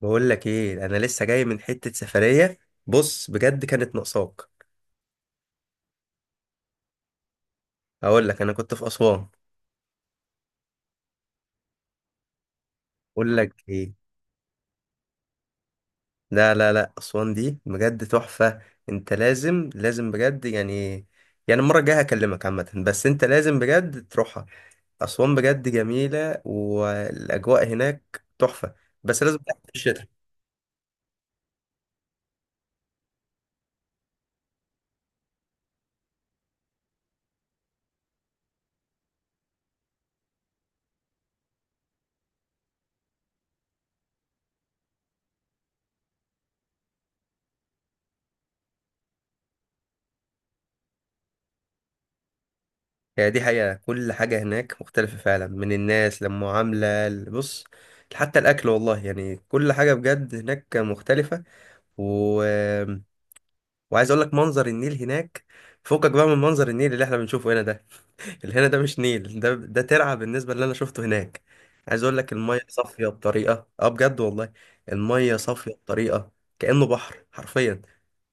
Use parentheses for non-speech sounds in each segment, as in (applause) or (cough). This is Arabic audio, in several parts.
بقول لك ايه؟ انا لسه جاي من حتة سفرية. بص، بجد كانت ناقصاك. اقول لك، انا كنت في اسوان. اقول لك ايه، لا لا لا، اسوان دي بجد تحفة. انت لازم لازم بجد، يعني، يعني المرة الجاية هكلمك عامة، بس انت لازم بجد تروحها. اسوان بجد جميلة والاجواء هناك تحفة، بس لازم تروح في الشتاء. يعني دي حقيقة، كل حاجة هناك مختلفة فعلا، من الناس للمعاملة. بص، حتى الاكل والله، يعني كل حاجة بجد هناك مختلفة. و... وعايز اقول لك منظر النيل هناك فوقك بقى من منظر النيل اللي احنا بنشوفه هنا ده. (laughs) اللي هنا ده مش نيل، ده ترعة بالنسبة اللي انا شفته هناك. عايز اقول لك المية صافية بطريقة، اه بجد والله، المية صافية بطريقة كأنه بحر حرفيا.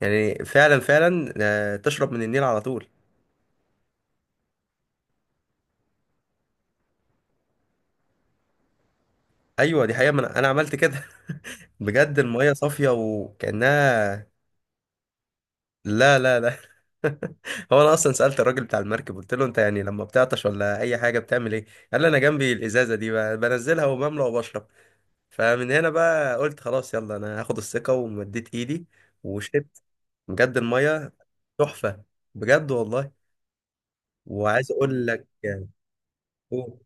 يعني فعلا فعلا، تشرب من النيل على طول. ايوه دي حقيقة، ما أنا عملت كده. (laughs) بجد المية صافية وكأنها... لا لا لا. (laughs) هو انا اصلا سالت الراجل بتاع المركب، قلت له: انت يعني لما بتعطش ولا اي حاجه بتعمل ايه؟ قال لي: انا جنبي الازازه دي، بنزلها وبملى وبشرب. فمن هنا بقى قلت خلاص، يلا انا هاخد الثقه ومديت ايدي وشربت. بجد الميه تحفه، بجد والله. وعايز اقول لك يعني... أوه.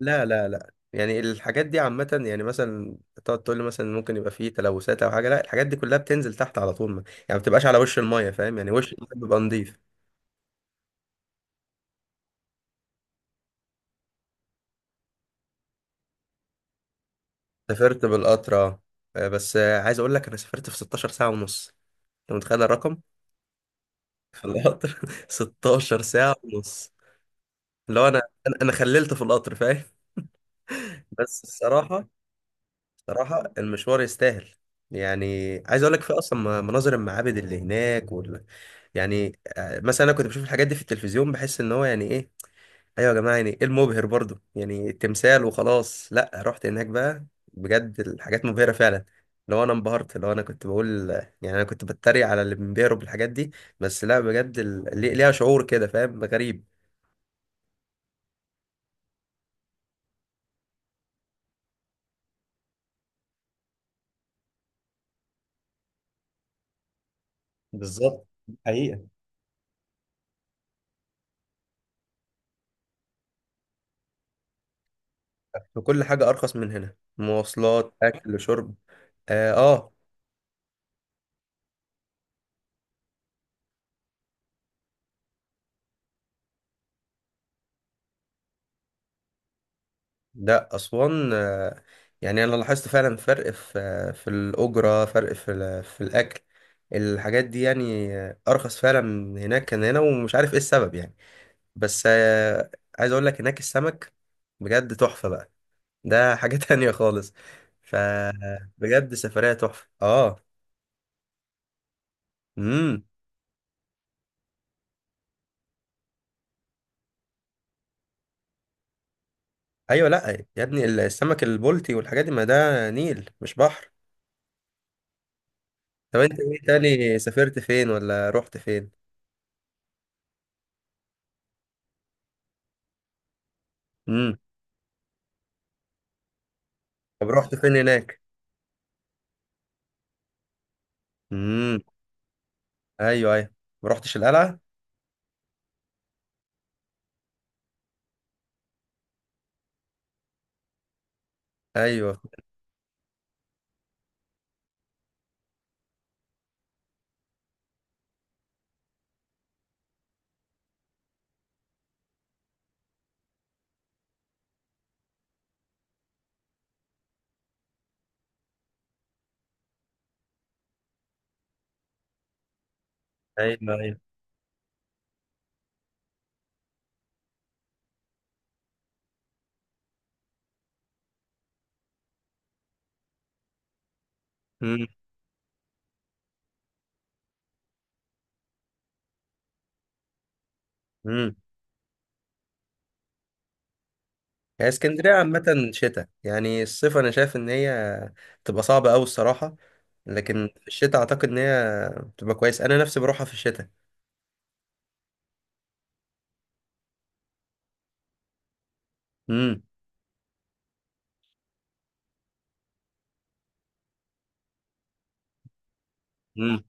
لا لا لا، يعني الحاجات دي عامة. يعني مثلا تقعد تقول لي مثلا ممكن يبقى فيه تلوثات أو حاجة، لا الحاجات دي كلها بتنزل تحت على طول، ما يعني ما بتبقاش على وش المية، فاهم؟ يعني وش المية بيبقى نضيف. سافرت بالقطر، اه. بس عايز اقول لك انا سافرت في 16 ساعة ونص. انت متخيل الرقم؟ في القطر، (laughs) 16 ساعة ونص، اللي هو انا انا أنا خللت في القطر، فاهم؟ بس الصراحة، الصراحة المشوار يستاهل. يعني عايز اقول لك، في اصلا مناظر المعابد اللي هناك يعني مثلا انا كنت بشوف الحاجات دي في التلفزيون، بحس ان هو يعني ايه، ايوه يا جماعه يعني ايه المبهر برضو يعني التمثال وخلاص. لا، رحت هناك بقى بجد الحاجات مبهره فعلا. لو انا انبهرت، لو انا كنت بقول، يعني انا كنت بتريق على اللي بينبهروا بالحاجات دي، بس لا بجد ليها شعور كده، فاهم؟ غريب. بالظبط. حقيقة، وكل حاجه ارخص من هنا، مواصلات اكل شرب. اه، آه. لا أسوان، يعني أنا لاحظت فعلا فرق في في الأجرة، فرق في في الأكل. الحاجات دي يعني أرخص فعلا من هناك كان هنا، ومش عارف إيه السبب يعني. بس عايز أقول لك، هناك السمك بجد تحفة بقى، ده حاجة (laughs) تانية خالص. فبجد سفرية تحفة، آه. امم. أيوة، لأ، يا ابني السمك البلطي والحاجات دي، ما ده نيل مش بحر. طب أنت إيه تاني؟ سافرت فين ولا رحت فين؟ امم. طب رحت فين هناك؟ امم. ايوه ايوه، ما رحتش القلعه. ايوه ايوه ايوه. امم. امم. هي اسكندريه عامه شتاء. يعني الصيف انا شايف ان هي تبقى صعبه قوي الصراحه، لكن في الشتاء اعتقد ان هي بتبقى كويس، انا نفسي بروحها في الشتاء. امم. امم.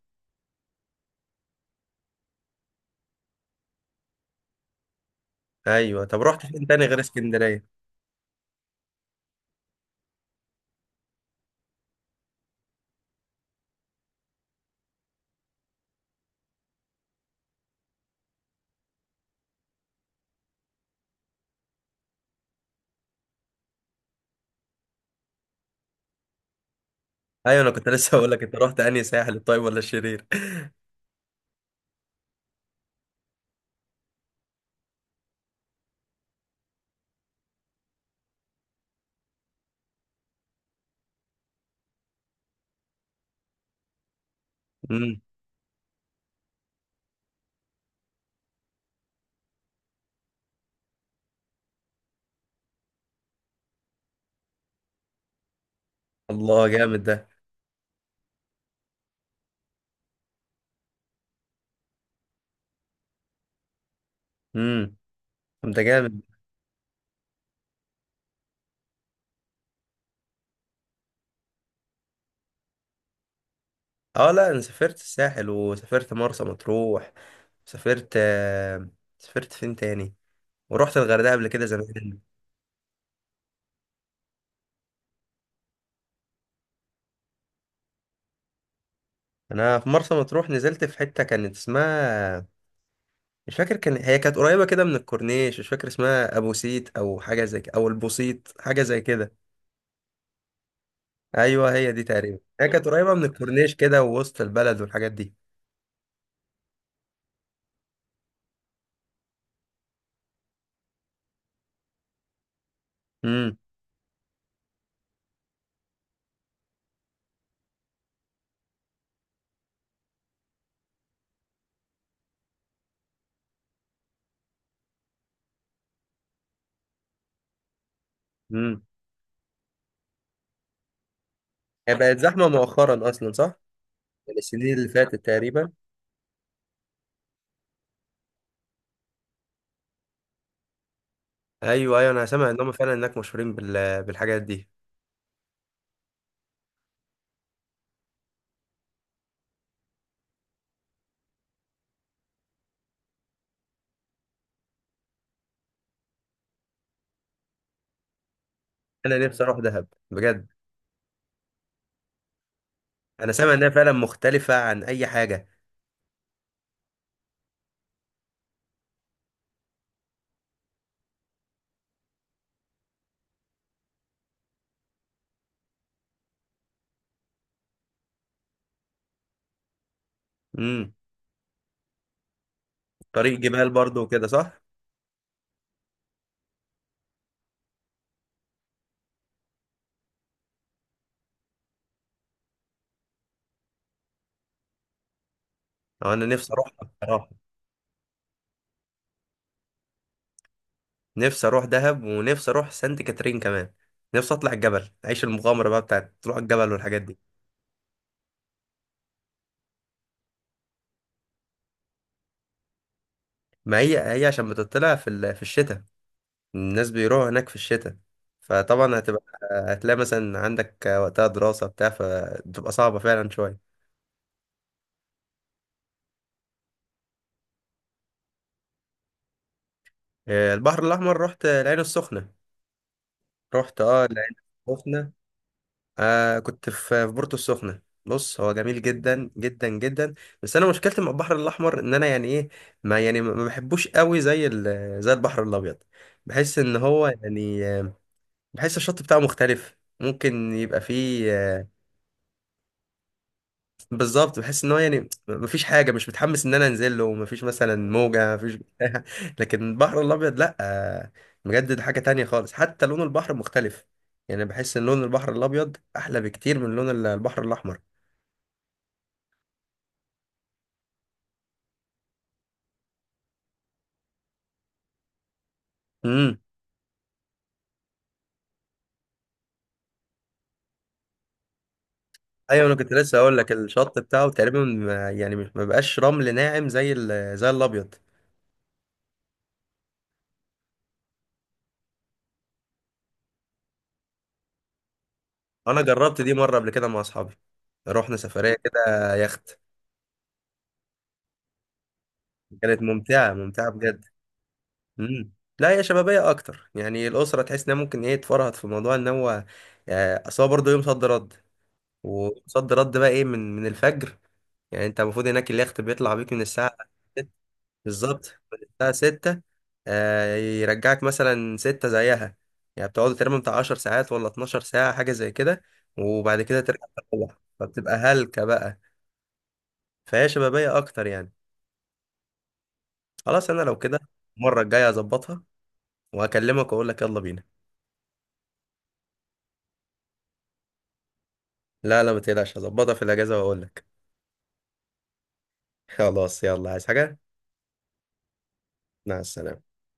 ايوه، طب رحت فين تاني غير اسكندريه؟ ايوه انا كنت (laughs) لسه هقول لك، انت رحت انهي ساحل، الطيب ولا الشرير؟ (laughs) امم. الله، جامد ده. امم. طب ده جامد. اه لا، انا سافرت الساحل وسافرت مرسى مطروح، سافرت سافرت فين تاني، ورحت الغردقه قبل كده زمان. انا في مرسى مطروح نزلت في حته كانت اسمها، مش فاكر، كان هي كانت قريبه كده من الكورنيش، مش فاكر اسمها، ابو سيت او حاجه زي كده، او البوسيت حاجه زي كده. ايوه هي دي تقريبا، هي كانت قريبه من الكورنيش كده، ووسط البلد والحاجات دي. امم. امم. هي بقت زحمه مؤخرا اصلا، صح؟ السنين اللي فاتت تقريبا. ايوه ايوه، انا سامع ان هم فعلا هناك مشهورين بالحاجات دي. انا نفسي اروح دهب بجد. انا سامع انها فعلا مختلفه عن اي حاجه. امم. طريق جبال برضو وكده، صح؟ أو انا نفسي اروح بصراحه. نفسي اروح دهب ونفسي اروح سانت كاترين كمان. نفسي اطلع الجبل، اعيش المغامره بقى بتاعت تروح الجبل والحاجات دي. ما هي هي عشان بتطلع في في الشتاء، الناس بيروحوا هناك في الشتاء، فطبعا هتبقى، هتلاقي مثلا عندك وقتها دراسه بتاع، فتبقى صعبه فعلا شويه. البحر الاحمر، رحت العين السخنه. رحت اه العين السخنه. آه كنت في في بورتو السخنة. بص هو جميل جدا جدا جدا، بس انا مشكلتي مع البحر الاحمر، ان انا يعني ايه، ما يعني ما بحبوش قوي زي زي البحر الابيض. بحس ان هو يعني بحس الشط بتاعه مختلف، ممكن يبقى فيه بالظبط، بحس ان هو يعني ما فيش حاجه، مش متحمس ان انا انزل له، ما فيش مثلا موجه، ما فيش بتاع. (laughs) لكن البحر الابيض لا، بجد ده حاجه تانية خالص، حتى لون البحر مختلف. يعني بحس ان لون البحر الابيض احلى بكتير من لون البحر الاحمر. امم. ايوه انا كنت لسه اقول لك، الشط بتاعه تقريبا ما بقاش رمل ناعم زي زي الابيض. انا جربت دي مره قبل كده مع اصحابي، رحنا سفريه كده يخت. كانت ممتعه، ممتعه بجد. امم. لا هي شبابيه اكتر، يعني الاسره تحس انها ممكن ايه تفرهد في موضوع ان هو، اصل هو برضه يوم صد رد، وصد رد بقى ايه، من الفجر. يعني انت المفروض هناك اليخت بيطلع بيك من الساعه، بالظبط، بتاع ستة، يرجعك مثلا ستة زيها. يعني بتقعدوا تقريبا بتاع 10 ساعات ولا 12 ساعة، حاجة زي كده، وبعد كده ترجع، تروح، فبتبقى هلكة بقى. فهي شبابية أكتر يعني. خلاص، أنا لو كده المرة الجاية هظبطها وهكلمك وأقول لك يلا بينا. لا لا، ما تقلقش، هظبطها في الأجازة وأقول لك. (laughs) خلاص، يلا عايز حاجة؟ مع السلامة.